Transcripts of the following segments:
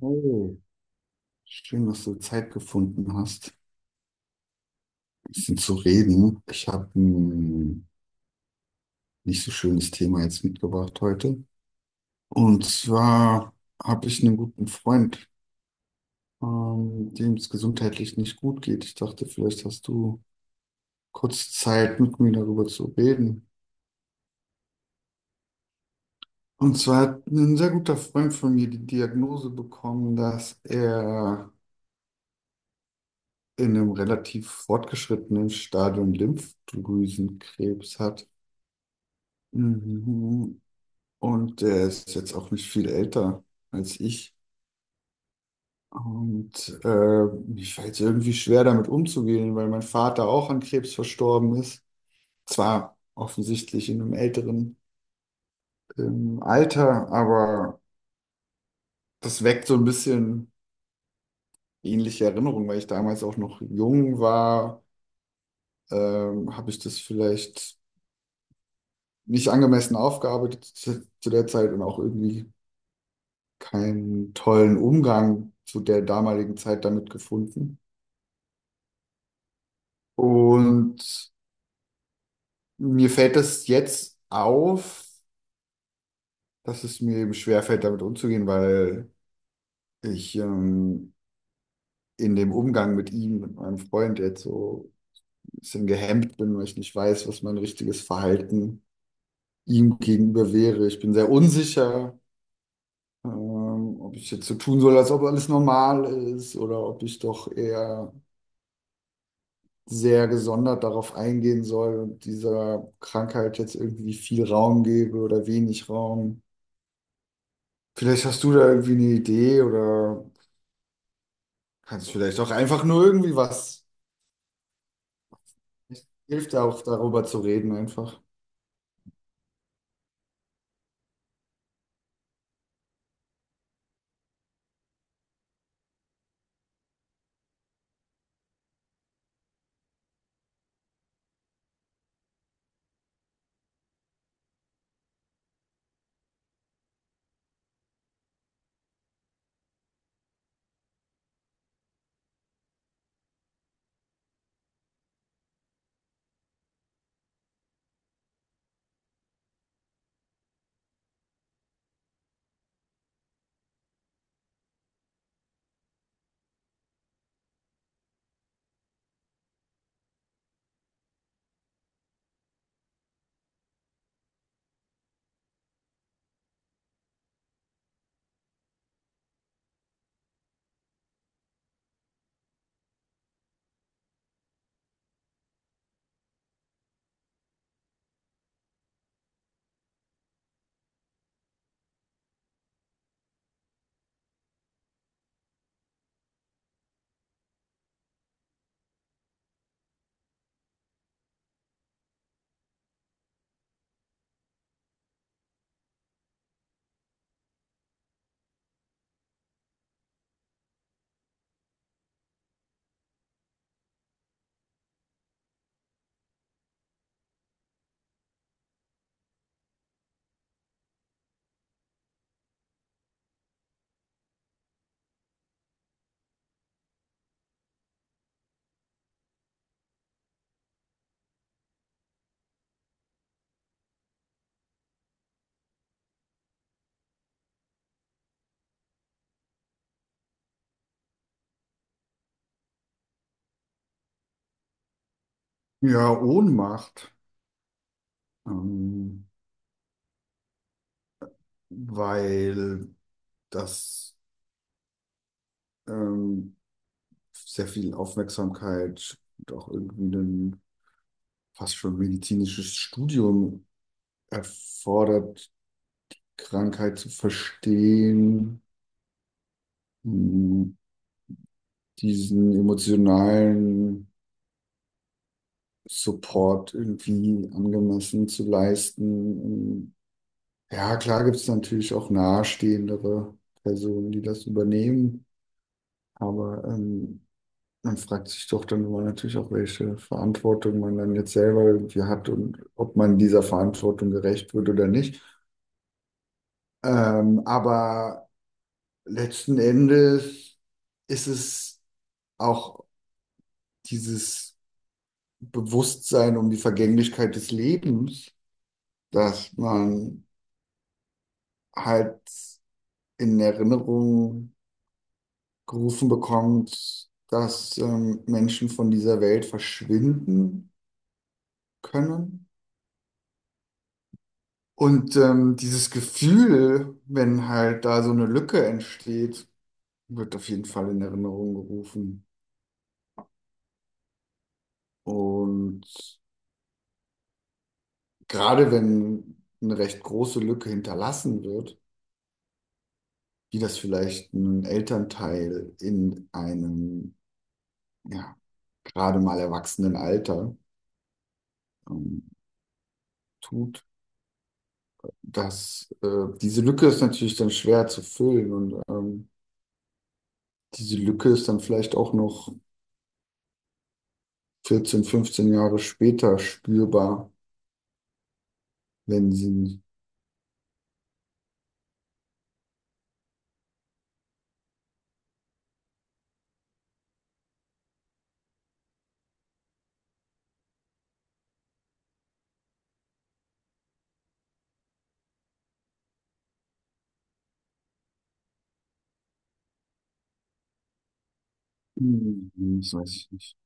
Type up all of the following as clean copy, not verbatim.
Oh, schön, dass du Zeit gefunden hast, ein bisschen zu reden. Ich habe ein nicht so schönes Thema jetzt mitgebracht heute. Und zwar habe ich einen guten Freund, dem es gesundheitlich nicht gut geht. Ich dachte, vielleicht hast du kurz Zeit, mit mir darüber zu reden. Und zwar hat ein sehr guter Freund von mir die Diagnose bekommen, dass er in einem relativ fortgeschrittenen Stadium Lymphdrüsenkrebs hat. Mhm. Und der ist jetzt auch nicht viel älter als ich. Und mir fällt es irgendwie schwer, damit umzugehen, weil mein Vater auch an Krebs verstorben ist. Zwar offensichtlich in einem älteren Alter, aber das weckt so ein bisschen ähnliche Erinnerungen, weil ich damals auch noch jung war. Habe ich das vielleicht nicht angemessen aufgearbeitet zu der Zeit und auch irgendwie keinen tollen Umgang zu der damaligen Zeit damit gefunden. Und mir fällt das jetzt auf, dass es mir eben schwerfällt, damit umzugehen, weil ich in dem Umgang mit ihm, mit meinem Freund jetzt so ein bisschen gehemmt bin, weil ich nicht weiß, was mein richtiges Verhalten ihm gegenüber wäre. Ich bin sehr unsicher, ob ich jetzt so tun soll, als ob alles normal ist, oder ob ich doch eher sehr gesondert darauf eingehen soll und dieser Krankheit jetzt irgendwie viel Raum gebe oder wenig Raum. Vielleicht hast du da irgendwie eine Idee oder kannst vielleicht auch einfach nur irgendwie was. Es hilft ja auch darüber zu reden einfach. Ja, Ohnmacht, ähm, weil das ähm, sehr viel Aufmerksamkeit und auch irgendwie ein fast schon medizinisches Studium erfordert, Krankheit zu verstehen, mh, diesen emotionalen Support irgendwie angemessen zu leisten. Ja, klar gibt es natürlich auch nahestehendere Personen, die das übernehmen, aber man fragt sich doch dann immer natürlich auch, welche Verantwortung man dann jetzt selber irgendwie hat und ob man dieser Verantwortung gerecht wird oder nicht. Aber letzten Endes ist es auch dieses Bewusstsein um die Vergänglichkeit des Lebens, dass man halt in Erinnerung gerufen bekommt, dass Menschen von dieser Welt verschwinden können. Und dieses Gefühl, wenn halt da so eine Lücke entsteht, wird auf jeden Fall in Erinnerung gerufen. Und gerade wenn eine recht große Lücke hinterlassen wird, wie das vielleicht ein Elternteil in einem, ja, gerade mal erwachsenen Alter ähm, tut. Das, diese Lücke ist natürlich dann schwer zu füllen, und diese Lücke ist dann vielleicht auch noch 14, 15 Jahre später spürbar, wenn sie... Hm, das weiß ich nicht.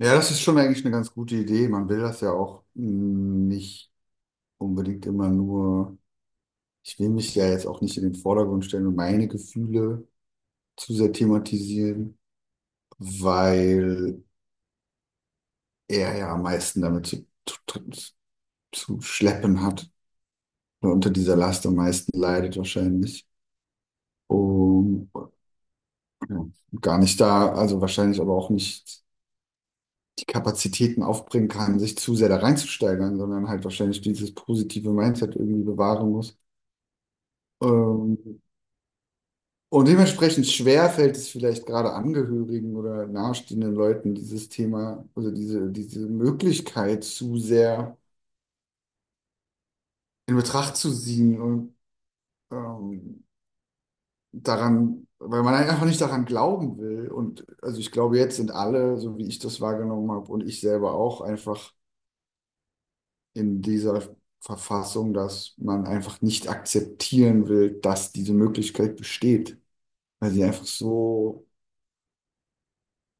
Ja, das ist schon eigentlich eine ganz gute Idee. Man will das ja auch, hm, nicht unbedingt immer nur, ich will mich ja jetzt auch nicht in den Vordergrund stellen und meine Gefühle zu sehr thematisieren, weil er ja am meisten damit zu schleppen hat, oder unter dieser Last am meisten leidet wahrscheinlich. Und ja, gar nicht da, also wahrscheinlich aber auch nicht die Kapazitäten aufbringen kann, sich zu sehr da reinzusteigern, sondern halt wahrscheinlich dieses positive Mindset irgendwie bewahren muss. Ähm, und dementsprechend schwer fällt es vielleicht gerade Angehörigen oder nahestehenden Leuten, dieses Thema, also diese Möglichkeit zu sehr in Betracht zu ziehen und, ähm, daran, weil man einfach nicht daran glauben will. Und also ich glaube, jetzt sind alle, so wie ich das wahrgenommen habe und ich selber auch, einfach in dieser Verfassung, dass man einfach nicht akzeptieren will, dass diese Möglichkeit besteht, weil sie einfach so,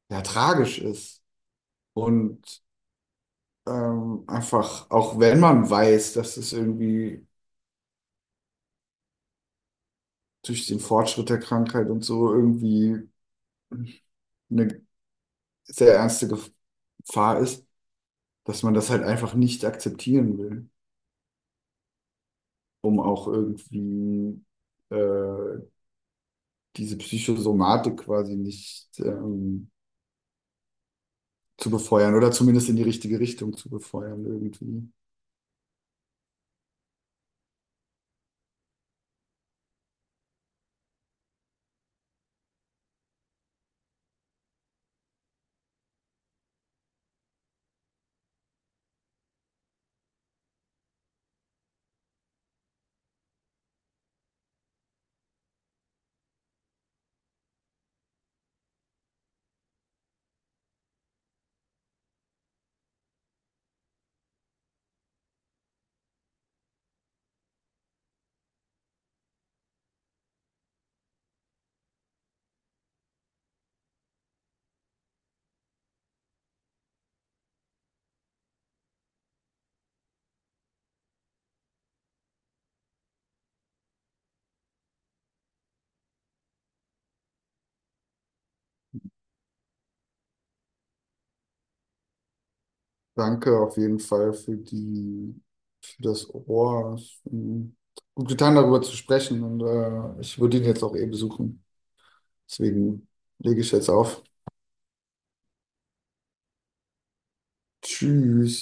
ja, tragisch ist. Und einfach, auch wenn man weiß, dass es irgendwie durch den Fortschritt der Krankheit und so irgendwie eine sehr ernste Gefahr ist, dass man das halt einfach nicht akzeptieren will, um auch irgendwie äh, diese Psychosomatik quasi nicht zu befeuern oder zumindest in die richtige Richtung zu befeuern irgendwie. Danke auf jeden Fall für für das Ohr. Es hat gut getan, darüber zu sprechen, und ich würde ihn jetzt auch eh besuchen. Deswegen lege ich jetzt auf. Tschüss.